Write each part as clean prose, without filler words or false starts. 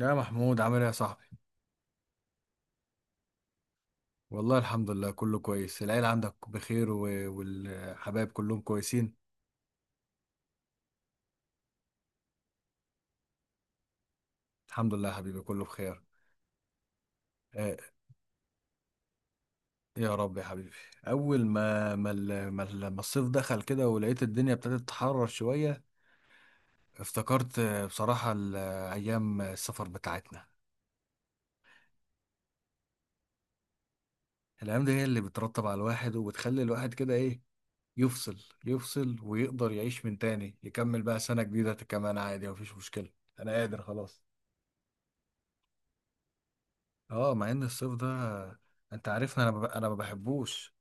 يا محمود، عامل ايه يا صاحبي؟ والله الحمد لله كله كويس، العيلة عندك بخير و... والحبايب كلهم كويسين. الحمد لله يا حبيبي، كله بخير. آه. يا رب يا حبيبي. اول ما الصيف دخل كده ولقيت الدنيا ابتدت تحرر شوية، افتكرت بصراحة ايام السفر بتاعتنا. الايام دي هي اللي بترتب على الواحد وبتخلي الواحد كده ايه، يفصل. يفصل ويقدر يعيش من تاني، يكمل بقى سنة جديدة كمان، عادي مفيش مشكلة. انا قادر خلاص. اه، مع ان الصيف ده انت عارفني، انا ما بحبوش.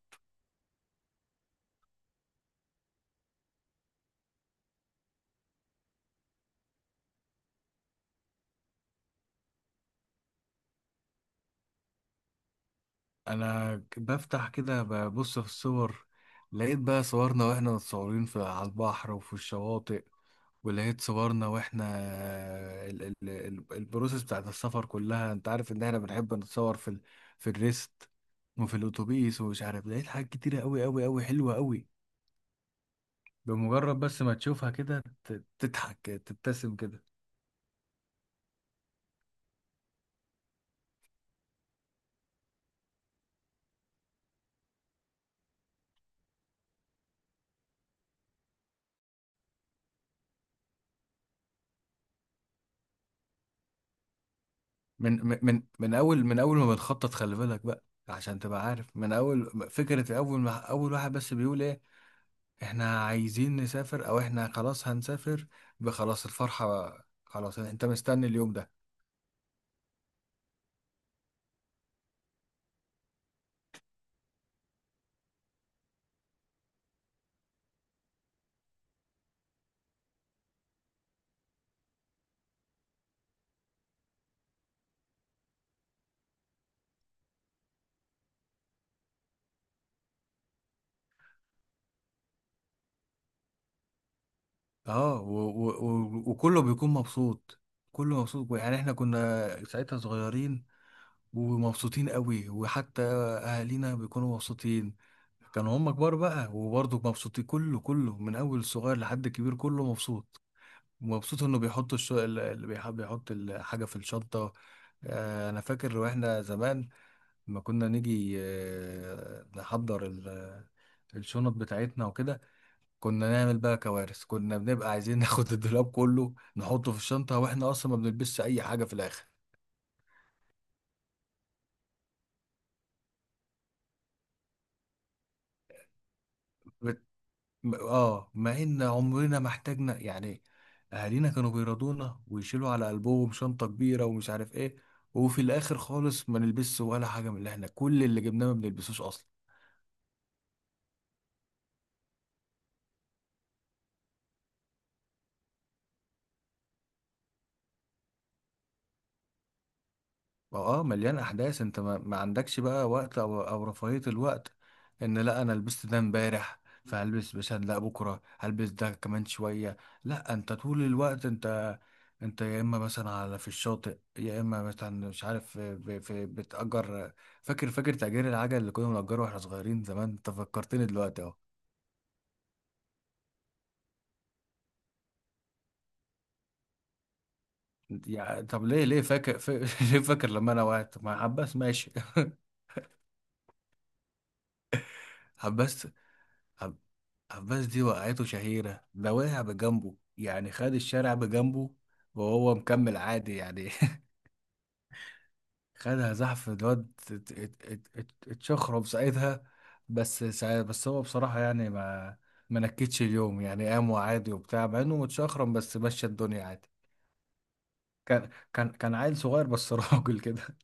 بفتح كده ببص في الصور، لقيت بقى صورنا واحنا متصورين في على البحر وفي الشواطئ. ولقيت صورنا واحنا البروسيس بتاعت السفر كلها، انت عارف ان احنا بنحب نتصور في في الريست وفي الاتوبيس، ومش عارف لقيت حاجات كتيرة قوي قوي قوي، حلوة قوي. بمجرد بس ما تشوفها كده تضحك، تبتسم كده. من اول ما بنخطط، خلي بالك بقى عشان تبقى عارف، من اول فكرة، اول ما اول واحد بس بيقول ايه، احنا عايزين نسافر او احنا خلاص هنسافر، بخلاص الفرحة. خلاص انت مستني اليوم ده. اه، وكله بيكون مبسوط. كله مبسوط، يعني احنا كنا ساعتها صغيرين ومبسوطين قوي، وحتى اهالينا بيكونوا مبسوطين. كانوا هم كبار بقى وبرضه مبسوطين، كله كله من اول الصغير لحد الكبير كله مبسوط. مبسوط انه بيحط اللي بيحب بيحط الحاجه في الشنطه. انا فاكر واحنا زمان لما كنا نيجي نحضر الشنط بتاعتنا وكده، كنا نعمل بقى كوارث، كنا بنبقى عايزين ناخد الدولاب كله نحطه في الشنطه، واحنا اصلا ما بنلبسش اي حاجه في الاخر. بت... م- اه مع ان عمرنا ما احتاجنا يعني. اهالينا كانوا بيرضونا ويشيلوا على قلبهم شنطه كبيره ومش عارف ايه، وفي الاخر خالص ما نلبسش ولا حاجه، من اللي احنا كل اللي جبناه ما بنلبسوش اصلا. ما اه مليان احداث، انت ما عندكش بقى وقت او رفاهية الوقت ان لا انا لبست ده امبارح، فهلبس مثلا، لا بكره هلبس ده كمان شوية. لا، انت طول الوقت انت، انت يا اما مثلا على في الشاطئ، يا اما مثلا مش عارف في بتأجر. فاكر تأجير العجل اللي كنا بنأجره واحنا صغيرين زمان؟ انت فكرتني دلوقتي اهو. يعني طب ليه ليه فاكر لما انا وقعت؟ ما عباس ماشي. عباس عباس دي وقعته شهيرة، ده وقع بجنبه، يعني خد الشارع بجنبه وهو مكمل عادي يعني خدها زحف الواد، اتشخرب ساعتها. بس هو بصراحة يعني ما نكتش اليوم يعني، قام وعادي وبتاع، مع انه متشخرم بس مشى الدنيا عادي. كان عيل صغير بس راجل كده.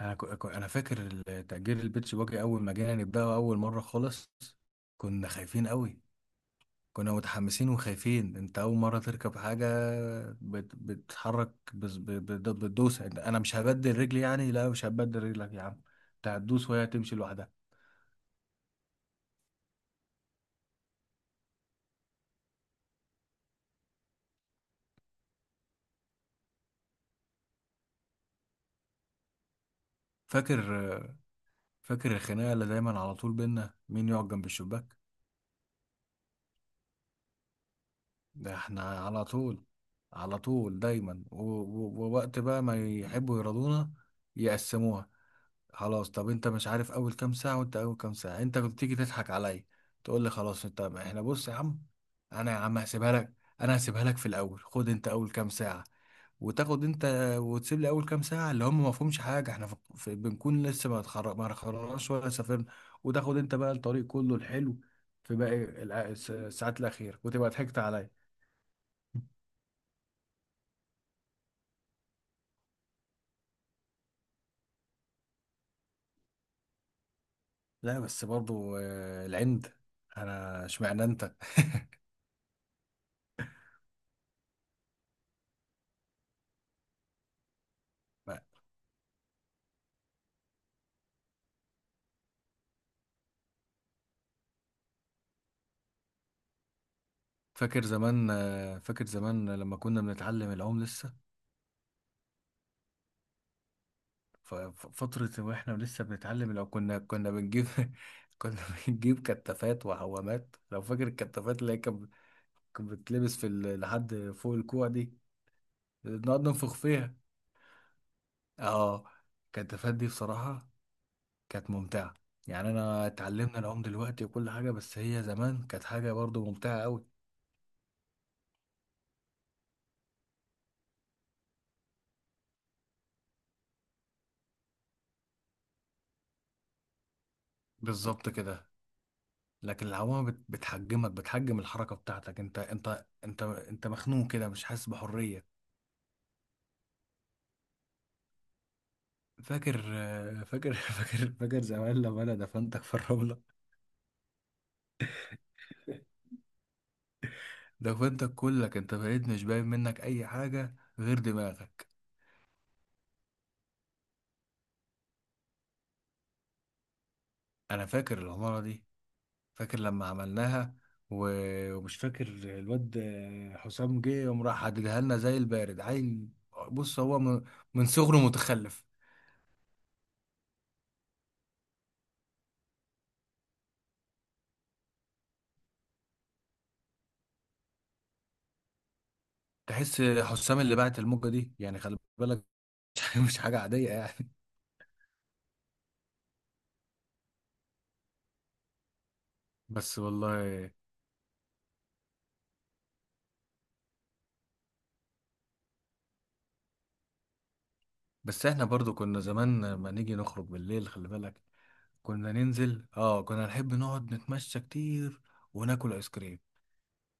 انا فاكر تأجير البيتش باجي اول ما جينا نبداه اول مرة خالص، كنا خايفين قوي. كنا متحمسين وخايفين، انت اول مره تركب حاجه بتتحرك، بتدوس، انا مش هبدل رجلي يعني، لا مش هبدل رجلك يا عم، انت هتدوس وهي هتمشي لوحدها. فاكر فاكر الخناقه اللي دايما على طول بينا مين يقعد جنب الشباك؟ ده احنا على طول، على طول دايما، ووقت بقى ما يحبوا يرضونا، يقسموها. خلاص، طب انت مش عارف اول كام ساعة، وانت اول كام ساعة انت كنت تيجي تضحك عليا، تقول لي خلاص انت ما احنا بص يا عم. انا يا عم هسيبها لك، انا هسيبها لك في الاول، خد انت اول كام ساعة وتاخد انت، وتسيب لي اول كام ساعة اللي هم ما فيهمش حاجة، احنا بنكون لسه ما اتخرجناش ولا سافرنا، وتاخد انت بقى الطريق كله الحلو في باقي الساعات الأخيرة، وتبقى ضحكت عليا. لا بس برضو العند، انا اشمعنى انت؟ فاكر زمان، لما كنا بنتعلم العوم لسه؟ فترة واحنا لسه بنتعلم، لو كنا بنجيب كنا بنجيب كتافات وعوامات، لو فاكر الكتافات اللي هي كانت، كانت بتتلبس في لحد فوق الكوع دي، بنقعد ننفخ فيها. اه، الكتافات دي بصراحة كانت ممتعة، يعني انا اتعلمنا العوم دلوقتي وكل حاجة، بس هي زمان كانت حاجة برضو ممتعة قوي. بالظبط كده. لكن العوامة بتحجمك، بتحجم الحركة بتاعتك، انت مخنوق كده، مش حاسس بحرية. فاكر فاكر زمان لما انا دفنتك في الرملة؟ دفنتك كلك، انت بقيت مش باين منك اي حاجة غير دماغك. انا فاكر العمارة دي، فاكر لما عملناها. ومش فاكر الواد حسام جه يوم راح حددها لنا زي البارد عيل؟ بص هو من من صغره متخلف. تحس حسام اللي بعت الموجة دي؟ يعني خلي بالك. مش حاجة عادية يعني. بس والله. بس احنا برضو كنا زمان لما نيجي نخرج بالليل، خلي بالك، كنا ننزل، كنا نحب نقعد نتمشى كتير وناكل ايس كريم،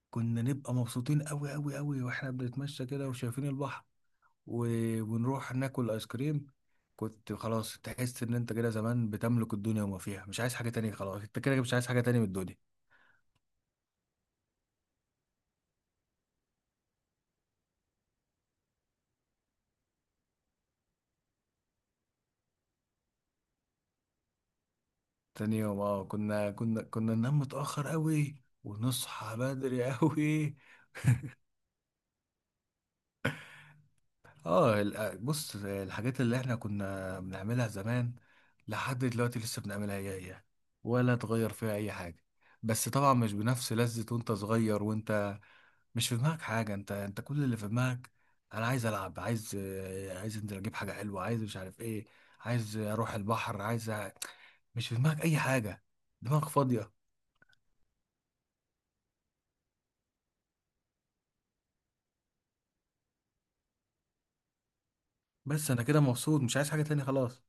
كنا نبقى مبسوطين قوي قوي قوي، واحنا بنتمشى كده وشايفين البحر و... ونروح ناكل ايس كريم. كنت خلاص تحس ان انت كده زمان بتملك الدنيا وما فيها، مش عايز حاجة تانية خلاص، انت كده مش عايز حاجة تانية من الدنيا. تاني يوم اه، كنا ننام متأخر قوي، ونصحى بدري قوي. اه، بص، الحاجات اللي احنا كنا بنعملها زمان لحد دلوقتي لسه بنعملها هي هي، ولا اتغير فيها اي حاجة. بس طبعا مش بنفس لذة وانت صغير، وانت مش في دماغك حاجة. انت كل اللي في دماغك، انا عايز العب، عايز عايز انزل اجيب حاجة حلوة، عايز مش عارف ايه، عايز اروح البحر، مش في دماغك اي حاجة، دماغك فاضية. بس انا كده مبسوط، مش عايز حاجة تاني خلاص.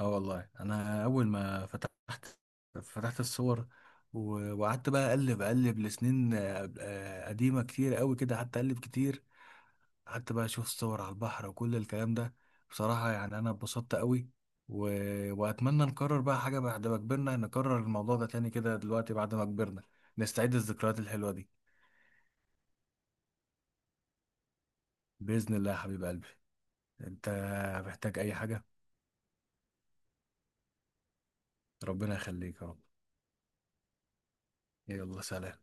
اه والله، انا اول ما فتحت، فتحت الصور وقعدت بقى اقلب، لسنين قديمه كتير قوي كده، قعدت اقلب كتير، قعدت بقى اشوف صور على البحر وكل الكلام ده. بصراحه يعني انا اتبسطت قوي و... واتمنى نكرر بقى حاجه بعد ما كبرنا، نكرر الموضوع ده تاني كده دلوقتي بعد ما كبرنا، نستعيد الذكريات الحلوه دي. باذن الله يا حبيب قلبي. انت محتاج اي حاجه؟ ربنا يخليك يا رب. يلا سلام.